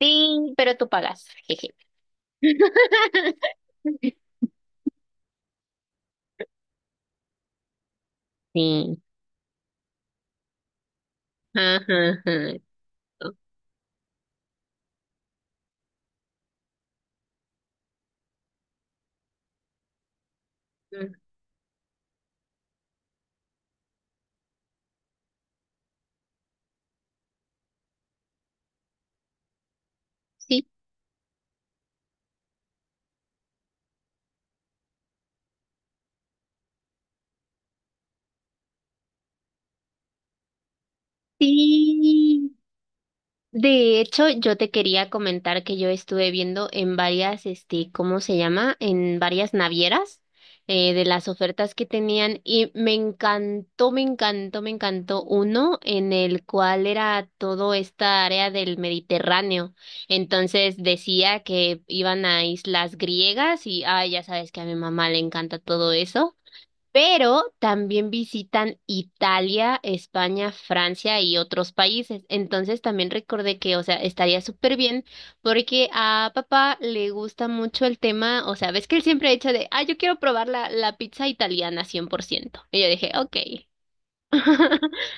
Sí, pero tú pagas. Jeje. Sí. Ajá, ajá. Mm, Sí, sí. De hecho, yo te quería comentar que yo estuve viendo en varias, ¿cómo se llama? En varias navieras de las ofertas que tenían y me encantó, me encantó, me encantó uno en el cual era todo esta área del Mediterráneo. Entonces decía que iban a islas griegas y, ay, ya sabes que a mi mamá le encanta todo eso, pero también visitan Italia, España, Francia y otros países. Entonces también recordé que, o sea, estaría súper bien porque a papá le gusta mucho el tema, o sea, ves que él siempre ha dicho de, ah, yo quiero probar la pizza italiana 100%. Y yo dije, ok.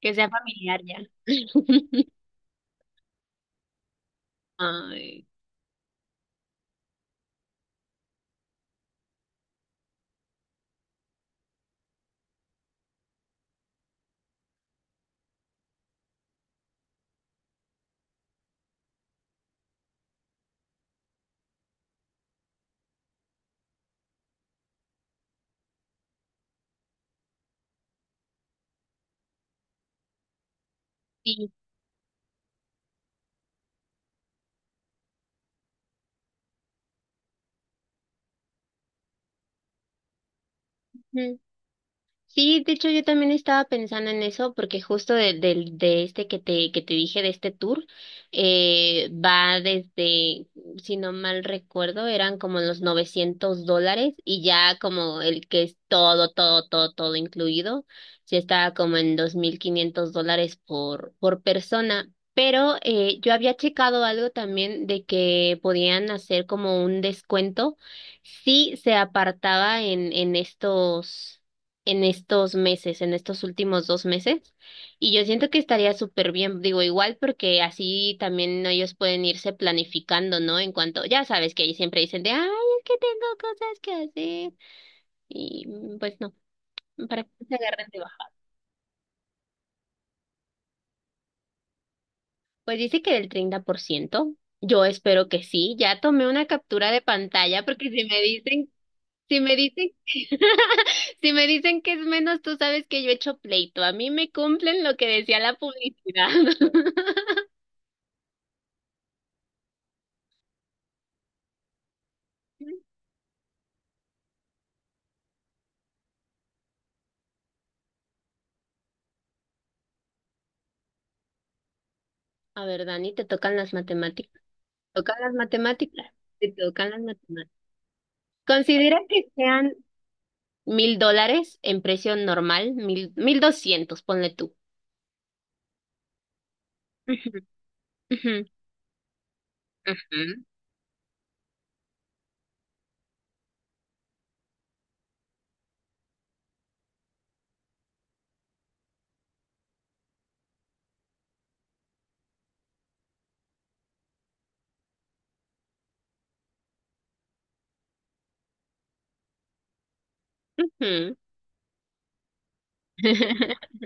Que sea familiar ya. Ay, sí. Sí, de hecho yo también estaba pensando en eso porque justo de este que te dije, de este tour, va desde, si no mal recuerdo, eran como los $900, y ya como el que es todo, todo, todo, todo incluido, sí estaba como en $2,500 por persona. Pero yo había checado algo también de que podían hacer como un descuento si se apartaba en estos meses, en estos últimos 2 meses, y yo siento que estaría súper bien, digo, igual porque así también ellos pueden irse planificando, ¿no? En cuanto, ya sabes que ahí siempre dicen de, ay, es que tengo cosas que hacer, y pues no, para que se agarren de baja. Pues dice que del 30%, yo espero que sí, ya tomé una captura de pantalla porque si me dicen... Si me dicen, si me dicen que es menos, tú sabes que yo he hecho pleito. A mí me cumplen lo que decía la publicidad. A ver, Dani, te tocan las matemáticas. Te tocan las matemáticas. Te tocan las matemáticas. Considera que sean $1,000 en precio normal, mil, 1,200, ponle tú. Ujú, ujú, ujú, ujú.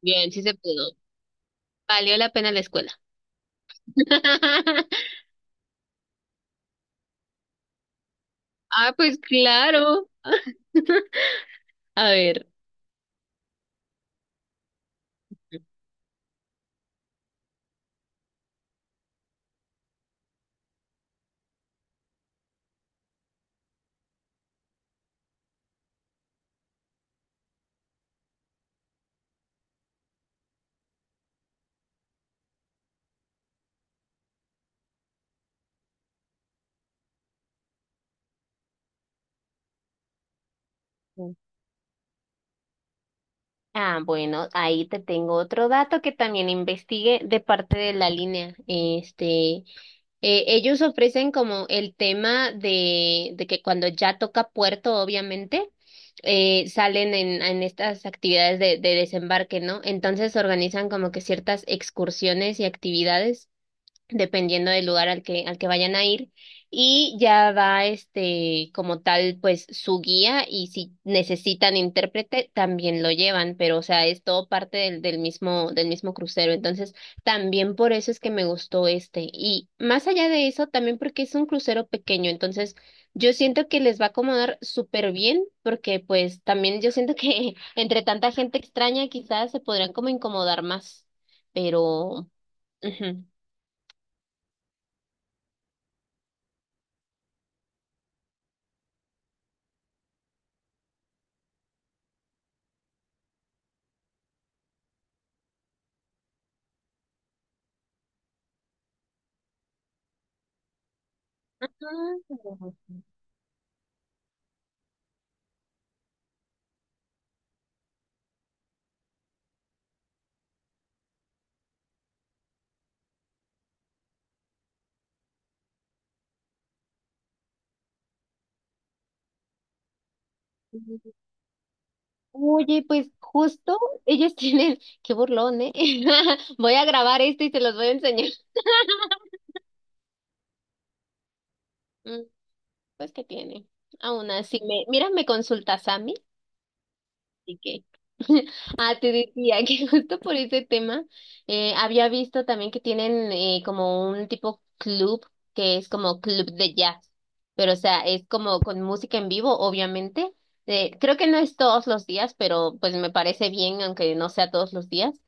Bien, sí se pudo. Valió la pena la escuela. Ah, pues claro. A ver. Ah, bueno, ahí te tengo otro dato que también investigué de parte de la línea. Ellos ofrecen como el tema de que cuando ya toca puerto, obviamente, salen en estas actividades de desembarque, ¿no? Entonces organizan como que ciertas excursiones y actividades dependiendo del lugar al que vayan a ir. Y ya va este, como tal, pues su guía y si necesitan intérprete, también lo llevan, pero o sea, es todo parte del mismo crucero. Entonces, también por eso es que me gustó este. Y más allá de eso, también porque es un crucero pequeño, entonces yo siento que les va a acomodar súper bien, porque pues también yo siento que entre tanta gente extraña quizás se podrán como incomodar más, pero... ujú. Ah, oye, pues justo ellos tienen, qué burlón, ¿eh? Voy a grabar esto y se los voy a enseñar. Mm, pues qué tiene. Aún así, me... mira, me consulta Sammy. Así que, ah, te decía que justo por ese tema había visto también que tienen como un tipo club que es como club de jazz, pero o sea, es como con música en vivo, obviamente. Creo que no es todos los días, pero pues me parece bien, aunque no sea todos los días.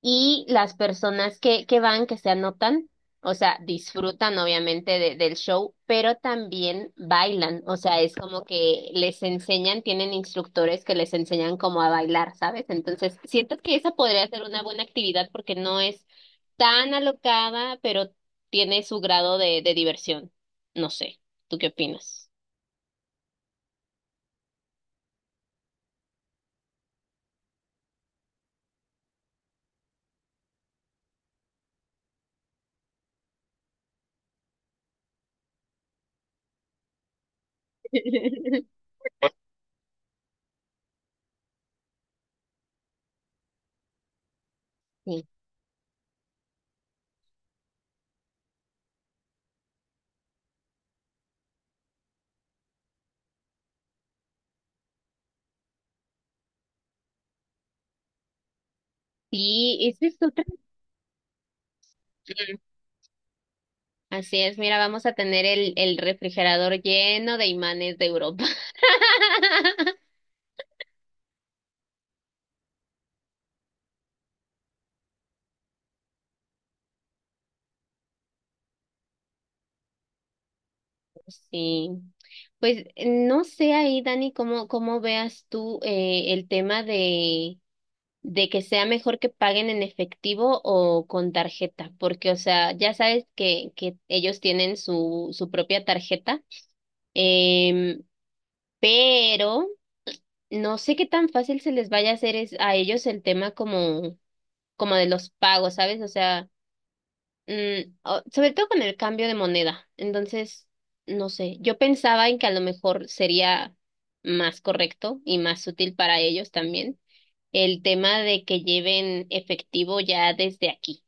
Y las personas que van, que se anotan, o sea, disfrutan obviamente de- del show, pero también bailan. O sea, es como que les enseñan, tienen instructores que les enseñan cómo a bailar, ¿sabes? Entonces, siento que esa podría ser una buena actividad porque no es tan alocada, pero tiene su grado de diversión. No sé, ¿tú qué opinas? Sí, sí, esa es otra. Mm, así es, mira, vamos a tener el refrigerador lleno de imanes de Europa. Sí, pues no sé ahí, Dani, cómo veas tú el tema de que sea mejor que paguen en efectivo o con tarjeta, porque, o sea, ya sabes que, ellos tienen su propia tarjeta, em, pero no sé qué tan fácil se les vaya a hacer es, a ellos el tema como de los pagos, ¿sabes? O sea... Mm, sobre todo con el cambio de moneda. Entonces, no sé, yo pensaba en que a lo mejor sería más correcto y más útil para ellos también el tema de que lleven efectivo ya desde aquí.